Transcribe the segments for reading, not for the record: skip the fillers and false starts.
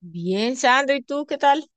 Bien, Sandro, ¿y tú qué tal?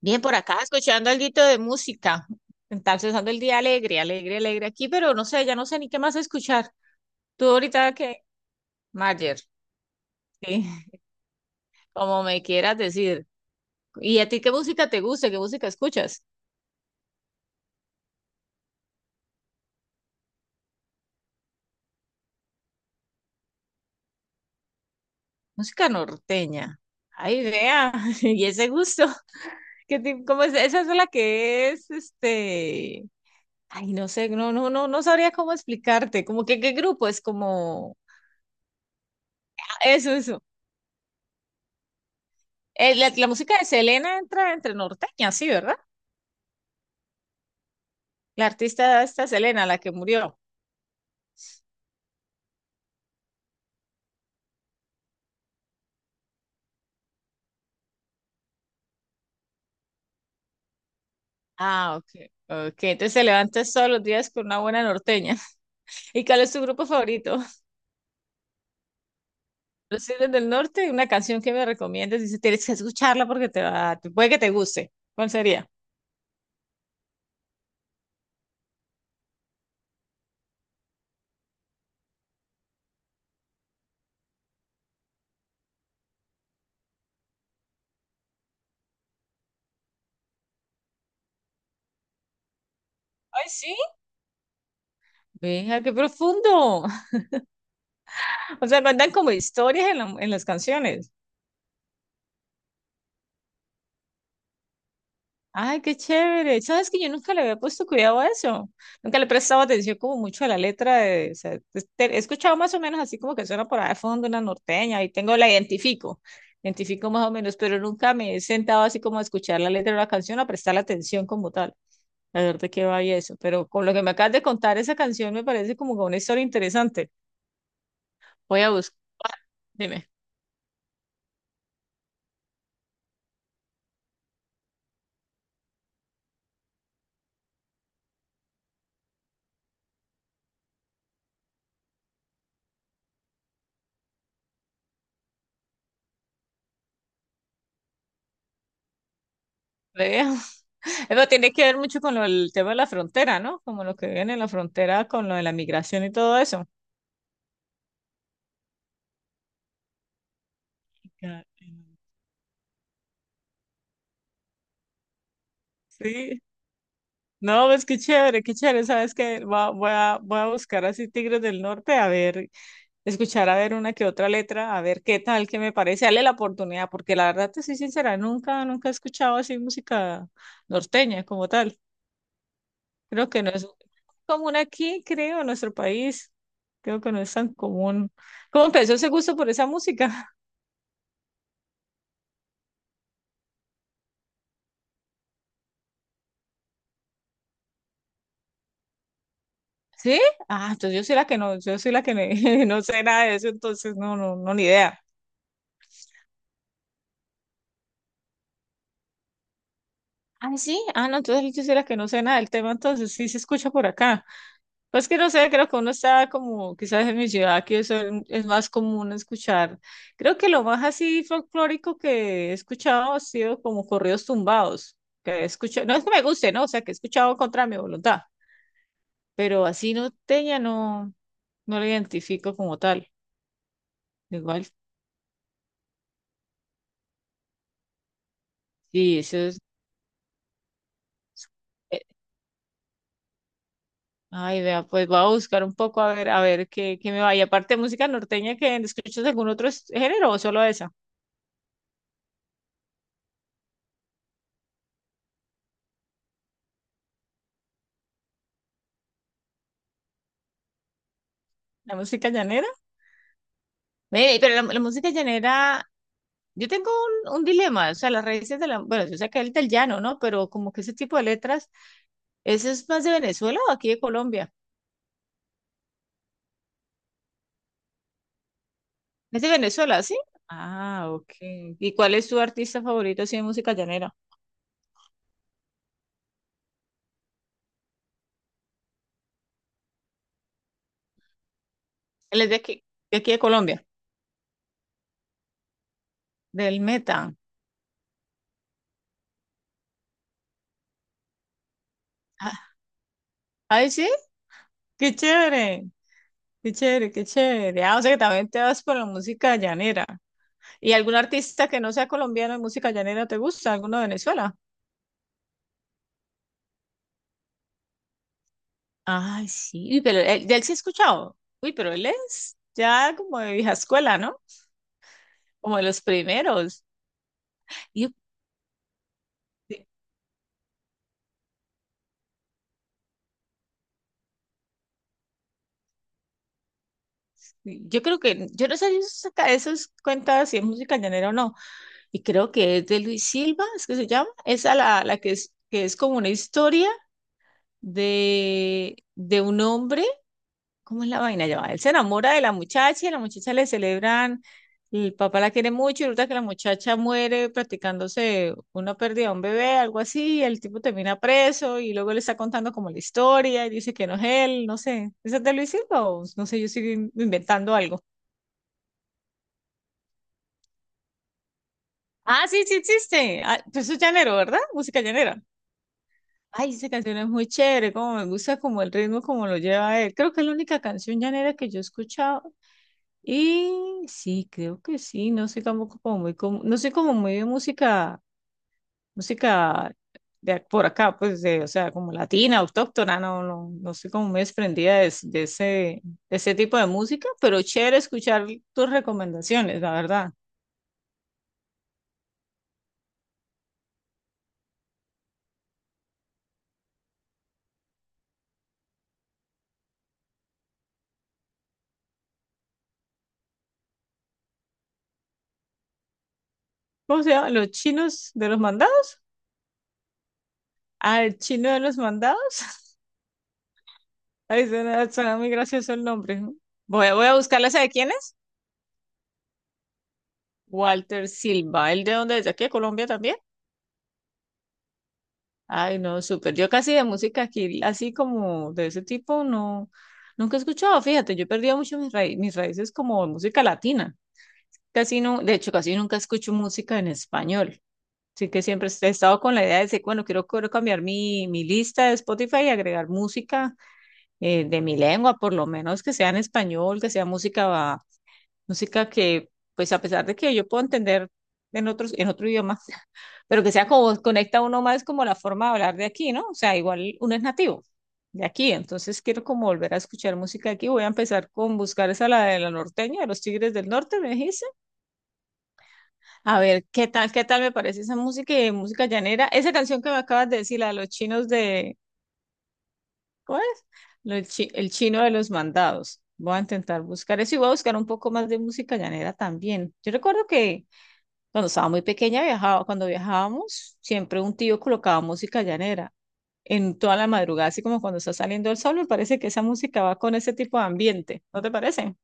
Bien, por acá escuchando algo de música. Entonces, ando el día alegre, alegre, alegre aquí, pero no sé, ya no sé ni qué más escuchar. Tú ahorita qué, Mayer, sí, como me quieras decir. ¿Y a ti qué música te gusta? ¿Qué música escuchas? Música norteña. Ay, vea, y ese gusto. ¿Qué tipo, cómo es? Esa es la que es, este. Ay, no sé, no, no, no, no sabría cómo explicarte. Como que qué grupo es como. Ah, eso, eso. La, la música de Selena entra entre norteña, sí, ¿verdad? La artista esta Selena, la que murió. Ah, ok. Ok, entonces te levantas todos los días con una buena norteña. ¿Y cuál es tu grupo favorito? Los Tigres del Norte, una canción que me recomiendas. Dice, tienes que escucharla porque te va, puede que te guste. ¿Cuál sería? Ay, sí. Venga, qué profundo. O sea, mandan como historias en, en las canciones. Ay, qué chévere. Sabes que yo nunca le había puesto cuidado a eso. Nunca le he prestado atención como mucho a la letra de, o sea, he escuchado más o menos así como que suena por ahí de fondo una norteña y tengo la identifico, identifico más o menos, pero nunca me he sentado así como a escuchar la letra de una canción, a prestar atención como tal, a ver de qué va y eso. Pero con lo que me acabas de contar, esa canción me parece como que una historia interesante. Voy a buscar, dime. Vea. Pero tiene que ver mucho con el tema de la frontera, ¿no? Como lo que viven en la frontera con lo de la migración y todo eso. Ya, sí, no, pues qué chévere, sabes que voy a buscar así Tigres del Norte, a ver, escuchar a ver una que otra letra, a ver qué tal, qué me parece, dale la oportunidad, porque la verdad te soy sincera, nunca, nunca he escuchado así música norteña como tal, creo que no es común aquí, creo, en nuestro país, creo que no es tan común. ¿Cómo empezó ese gusto por esa música? ¿Sí? Ah, entonces yo soy la que no, yo soy la que no, no sé nada de eso, entonces no, no, no, ni idea. Ah, sí, ah, no, entonces yo soy la que no sé nada del tema, entonces sí se escucha por acá. Pues que no sé, creo que uno está como, quizás en mi ciudad, que eso es más común escuchar. Creo que lo más así folclórico que he escuchado ha sido como corridos tumbados, que he escuchado, no es que me guste, ¿no? O sea, que he escuchado contra mi voluntad, pero así no tenía, no, no lo identifico como tal. Igual, sí, eso es. Ay, vea, pues voy a buscar un poco a ver qué, qué me vaya. Aparte de música norteña, ¿que escuchas algún otro género o solo esa? ¿La música llanera? Ve, pero la música llanera, yo tengo un dilema, o sea, las raíces de la, bueno, yo sé que es del llano, ¿no? Pero como que ese tipo de letras, ¿eso es más de Venezuela o aquí de Colombia? Es de Venezuela, ¿sí? Ah, ok. ¿Y cuál es tu artista favorito así de música llanera? Él es de aquí, de aquí de Colombia, del Meta. Ah, ay, sí, qué chévere. Qué chévere, qué chévere. Ah, o sea que también te vas por la música llanera. ¿Y algún artista que no sea colombiano de música llanera te gusta? ¿Alguno de Venezuela? Ay, sí. Uy, pero él, de él sí he escuchado. Uy, pero él es ya como de vieja escuela, ¿no? Como de los primeros. Yo, yo creo que, yo no sé si eso saca esas cuentas si es música llanera o no. Y creo que es de Luis Silva, es que se llama. Esa la, la que es como una historia de un hombre. ¿Cómo es la vaina? Ya va, él se enamora de la muchacha y a la muchacha le celebran, el papá la quiere mucho y resulta que la muchacha muere practicándose una pérdida de un bebé, algo así, y el tipo termina preso y luego le está contando como la historia y dice que no es él, no sé. ¿Esa te lo hiciste o no sé, yo sigo inventando algo? Ah, sí, sí existe. Ah, pero eso es llanero, ¿verdad? Música llanera. Ay, esa canción es muy chévere, como me gusta como el ritmo, como lo lleva él. Creo que es la única canción llanera que yo he escuchado. Y sí, creo que sí, no sé tampoco como muy, como, no sé como muy de música, música de por acá, pues, de, o sea, como latina, autóctona, no, no, no soy como muy desprendida de, de ese tipo de música, pero chévere escuchar tus recomendaciones, la verdad. ¿Cómo se llama? ¿Los chinos de los mandados? Ah, el chino de los mandados. Ay, suena, suena muy gracioso el nombre, ¿no? Voy, voy a buscarla, ¿sabe quién es? Walter Silva, ¿el de dónde es? ¿De aquí de Colombia también? Ay, no, súper. Yo casi de música aquí, así como de ese tipo, no, nunca he escuchado. Fíjate, yo he perdido mucho mis mis raíces como de música latina. Casi no, de hecho, casi nunca escucho música en español. Así que siempre he estado con la idea de decir, bueno, quiero, quiero cambiar mi, mi lista de Spotify y agregar música de mi lengua, por lo menos que sea en español, que sea música, música que, pues a pesar de que yo puedo entender en otros, en otro idioma, pero que sea como conecta uno más como la forma de hablar de aquí, ¿no? O sea, igual uno es nativo de aquí, entonces quiero como volver a escuchar música aquí. Voy a empezar con buscar esa la de la norteña, de los Tigres del Norte, me dijiste. A ver, qué tal me parece esa música y música llanera? Esa canción que me acabas de decir, la de los chinos de, ¿cómo es? Lo el chino de los mandados. Voy a intentar buscar eso y voy a buscar un poco más de música llanera también. Yo recuerdo que cuando estaba muy pequeña viajaba, cuando viajábamos, siempre un tío colocaba música llanera en toda la madrugada, así como cuando está saliendo el sol, me parece que esa música va con ese tipo de ambiente, ¿no te parece?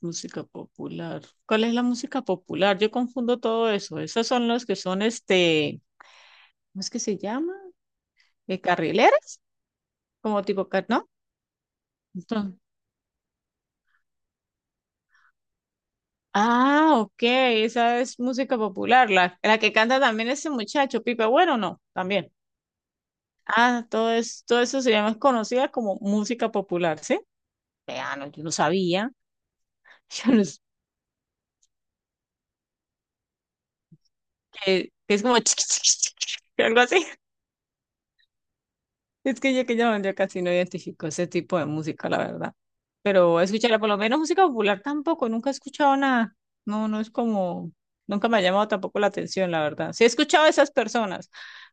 Música popular. ¿Cuál es la música popular? Yo confundo todo eso. Esos son los que son, este, ¿cómo es que se llama? Carrileras, como tipo, ¿no? Entonces, ah, ok, esa es música popular, la que canta también ese muchacho, Pipe Bueno, no, también. Ah, todo, es, todo eso se llama, es conocida como música popular, ¿sí? Vea, no, yo no sabía. Yo no, que es como chiqui, chiqui, chiqui, que algo así. Es que yo yo casi no identifico ese tipo de música, la verdad. Pero escucharla, por lo menos música popular tampoco, nunca he escuchado nada. No, no es como, nunca me ha llamado tampoco la atención, la verdad. Sí he escuchado a esas personas,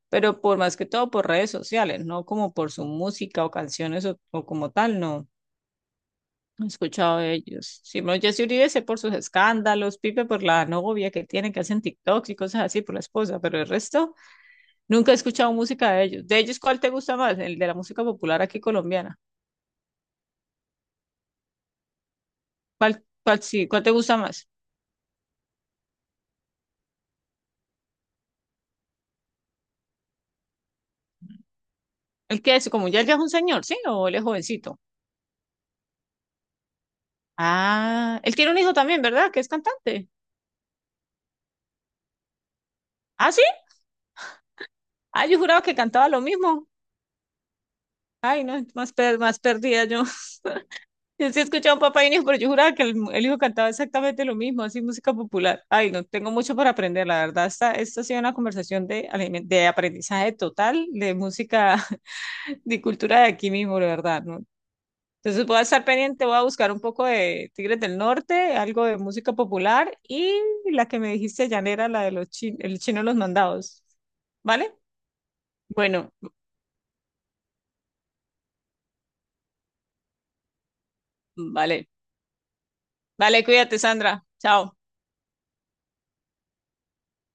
pero por más que todo por redes sociales, no como por su música o canciones o como tal, no. He escuchado de ellos. Simón Jessy Uribe sé por sus escándalos, Pipe por la novia que tiene, que hacen TikToks y cosas así, por la esposa, pero el resto nunca he escuchado música de ellos. De ellos, ¿cuál te gusta más? El de la música popular aquí colombiana. ¿Cuál, cuál, sí, cuál te gusta más? El que es, como ya, ya es un señor, ¿sí? ¿O él es jovencito? Ah, él tiene un hijo también, ¿verdad? Que es cantante. ¿Ah, sí? Ah, yo juraba que cantaba lo mismo. Ay, no, más, más perdida yo. Yo sí he escuchado Papá y un hijo, pero yo juraba que el hijo cantaba exactamente lo mismo, así música popular. Ay, no, tengo mucho para aprender, la verdad. Esta ha sido una conversación de, de aprendizaje total, de música, de cultura de aquí mismo, la verdad, ¿no? Entonces voy a estar pendiente, voy a buscar un poco de Tigres del Norte, algo de música popular y la que me dijiste, llanera, la de los el chino de los mandados, ¿vale? Bueno, vale, vale, cuídate, Sandra. Chao.